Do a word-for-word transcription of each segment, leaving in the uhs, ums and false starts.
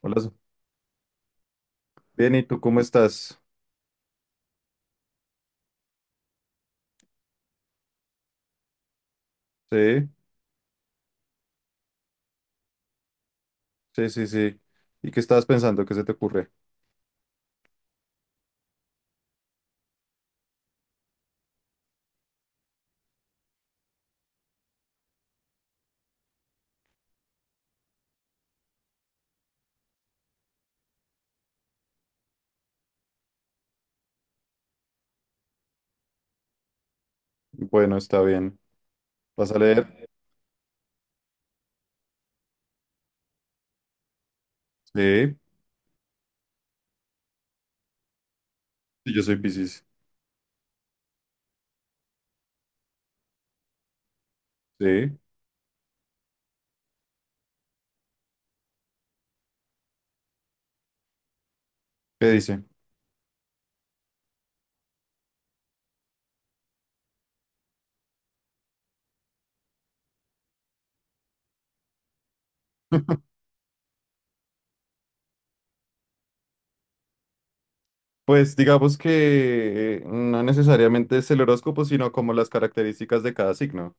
Hola, Su- bien, ¿y tú cómo estás? Sí, sí, sí, sí. ¿Y qué estabas pensando? ¿Qué se te ocurre? Bueno, está bien. ¿Vas a leer? Sí, sí, yo soy Piscis. Sí, ¿qué dice? Pues digamos que eh, no necesariamente es el horóscopo, sino como las características de cada signo.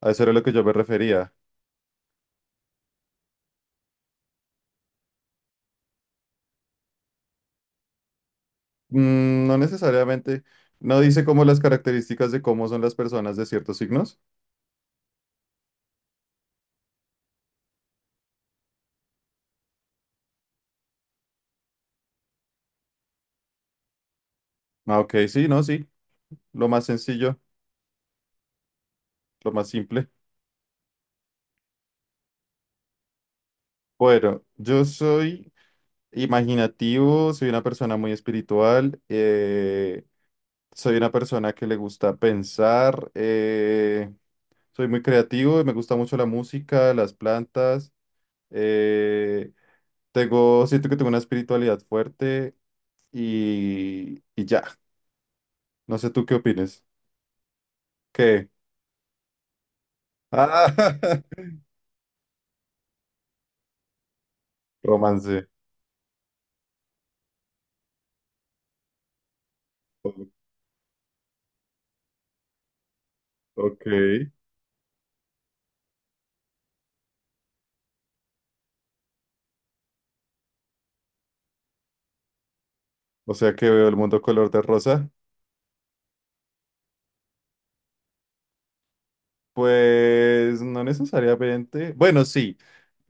A eso era lo que yo me refería. Mm, no necesariamente, no dice como las características de cómo son las personas de ciertos signos. Ah, ok, sí, no, sí. Lo más sencillo, lo más simple. Bueno, yo soy imaginativo, soy una persona muy espiritual, eh, soy una persona que le gusta pensar, eh, soy muy creativo y me gusta mucho la música, las plantas, eh, tengo, siento que tengo una espiritualidad fuerte y, y ya, no sé tú qué opines. ¿Qué? Ah, romance. O- Ok, o sea que veo el mundo color de rosa. Pues no necesariamente. Bueno, sí,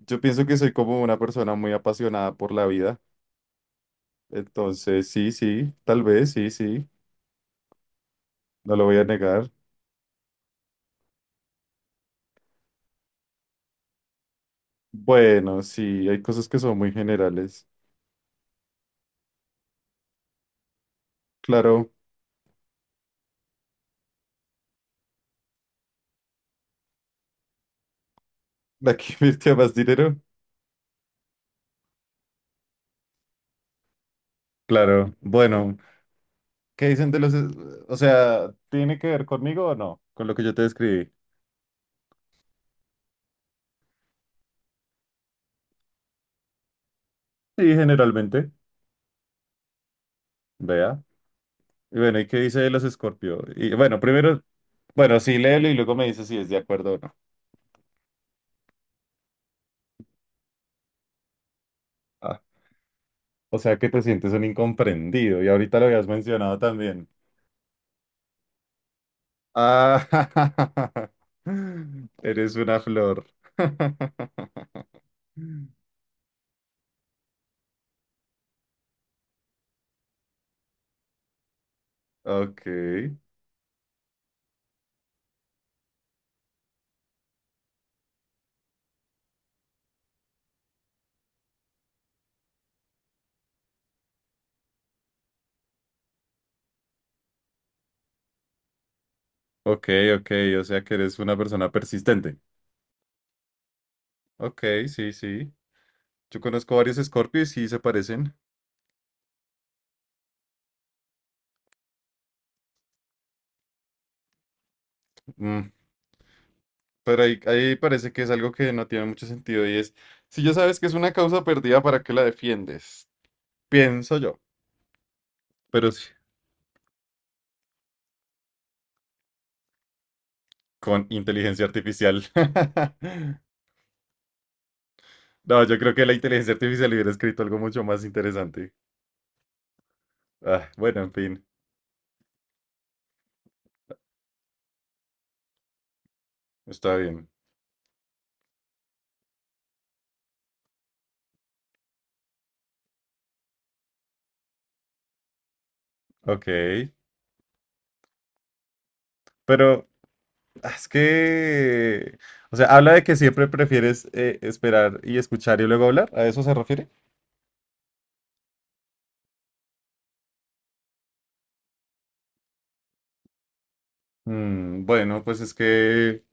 yo pienso que soy como una persona muy apasionada por la vida. Entonces, sí, sí, tal vez, sí, sí, no lo voy a negar. Bueno, sí, hay cosas que son muy generales. Claro, ¿la que invirtió más dinero? Claro, bueno, ¿qué dicen de los... es- O sea, ¿tiene que ver conmigo o no? Con lo que yo te describí. Sí, generalmente, vea. Y bueno, ¿y qué dice de los Escorpio? Y bueno, primero, bueno, sí, léelo y luego me dice si es de acuerdo o no. Ah. O sea que te sientes un incomprendido y ahorita lo habías mencionado también. Ah, eres una flor. Ok, ok, ok, o sea que eres una persona persistente. Ok, sí, sí. Yo conozco varios Scorpios y sí se parecen. Mm, pero ahí, ahí parece que es algo que no tiene mucho sentido y es, si ya sabes que es una causa perdida, ¿para qué la defiendes? Pienso yo, pero sí, con inteligencia artificial. No, yo creo que la inteligencia artificial hubiera escrito algo mucho más interesante. Ah, bueno, en fin, está bien. Ok. Pero ah, es que, o sea, habla de que siempre prefieres eh, esperar y escuchar y luego hablar. ¿A eso se refiere? Mm, bueno, pues es que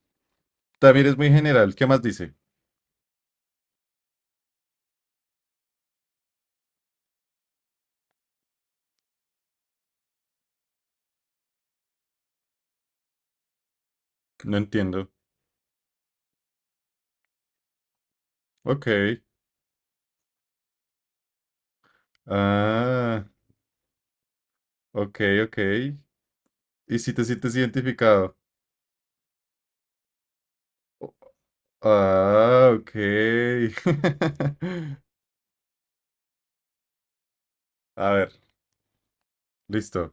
también es muy general. ¿Qué más dice? No entiendo. Ok. Ah, ok, ok. ¿Y si te sientes identificado? Ah, ok. A ver, listo.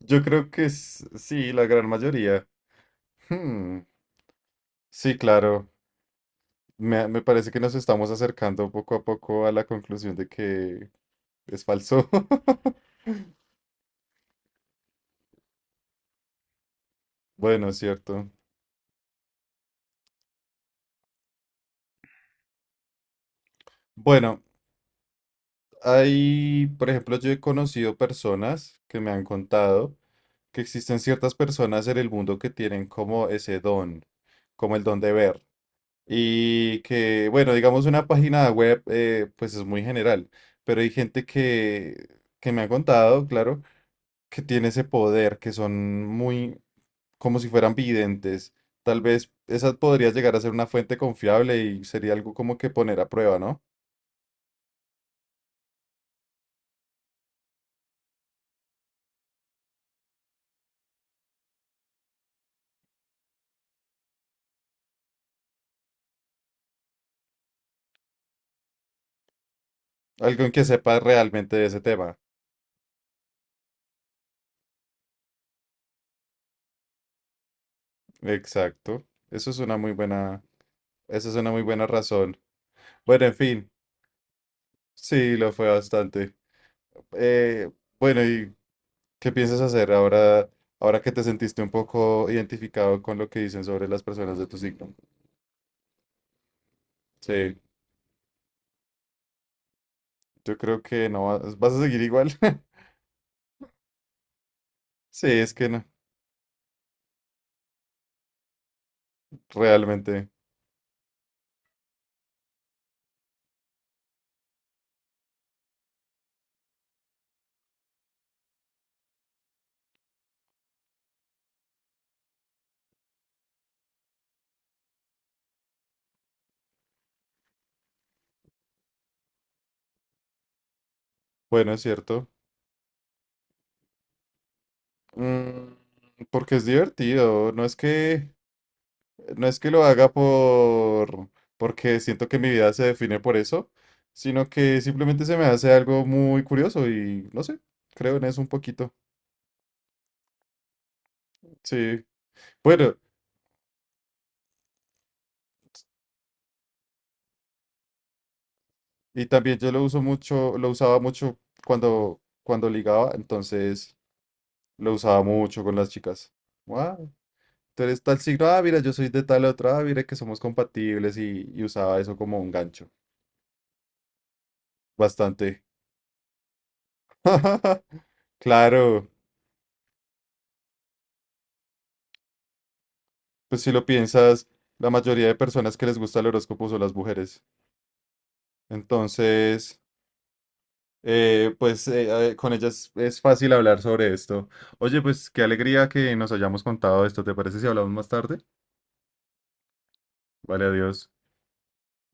Yo creo que s- sí, la gran mayoría. Hmm, sí, claro. Me, me parece que nos estamos acercando poco a poco a la conclusión de que es falso. Bueno, es cierto. Bueno, hay, por ejemplo, yo he conocido personas que me han contado que existen ciertas personas en el mundo que tienen como ese don, como el don de ver. Y que, bueno, digamos una página web, eh, pues es muy general, pero hay gente que, que me ha contado, claro que tiene ese poder, que son muy como si fueran videntes. Tal vez esa podría llegar a ser una fuente confiable y sería algo como que poner a prueba, ¿no? Alguien que sepa realmente de ese tema. Exacto. Eso es una muy buena, eso es una muy buena razón. Bueno, en fin, sí, lo fue bastante. Eh, bueno, ¿y qué piensas hacer ahora, ahora que te sentiste un poco identificado con lo que dicen sobre las personas de tu signo? Sí, yo creo que no vas vas a seguir igual. Sí, es que no. Realmente, bueno, es cierto. Mm, porque es divertido. No es que, no es que lo haga por, porque siento que mi vida se define por eso, sino que simplemente se me hace algo muy curioso y no sé, creo en eso un poquito. Sí. Bueno, y también yo lo uso mucho, lo usaba mucho cuando, cuando ligaba, entonces lo usaba mucho con las chicas. Wow, tú eres tal signo, ah, mira, yo soy de tal otra, ah, mira que somos compatibles y, y usaba eso como un gancho. Bastante. Claro, pues si lo piensas, la mayoría de personas que les gusta el horóscopo son las mujeres. Entonces, eh, pues eh, eh, con ellas es fácil hablar sobre esto. Oye, pues qué alegría que nos hayamos contado esto. ¿Te parece si hablamos más tarde? Vale, adiós.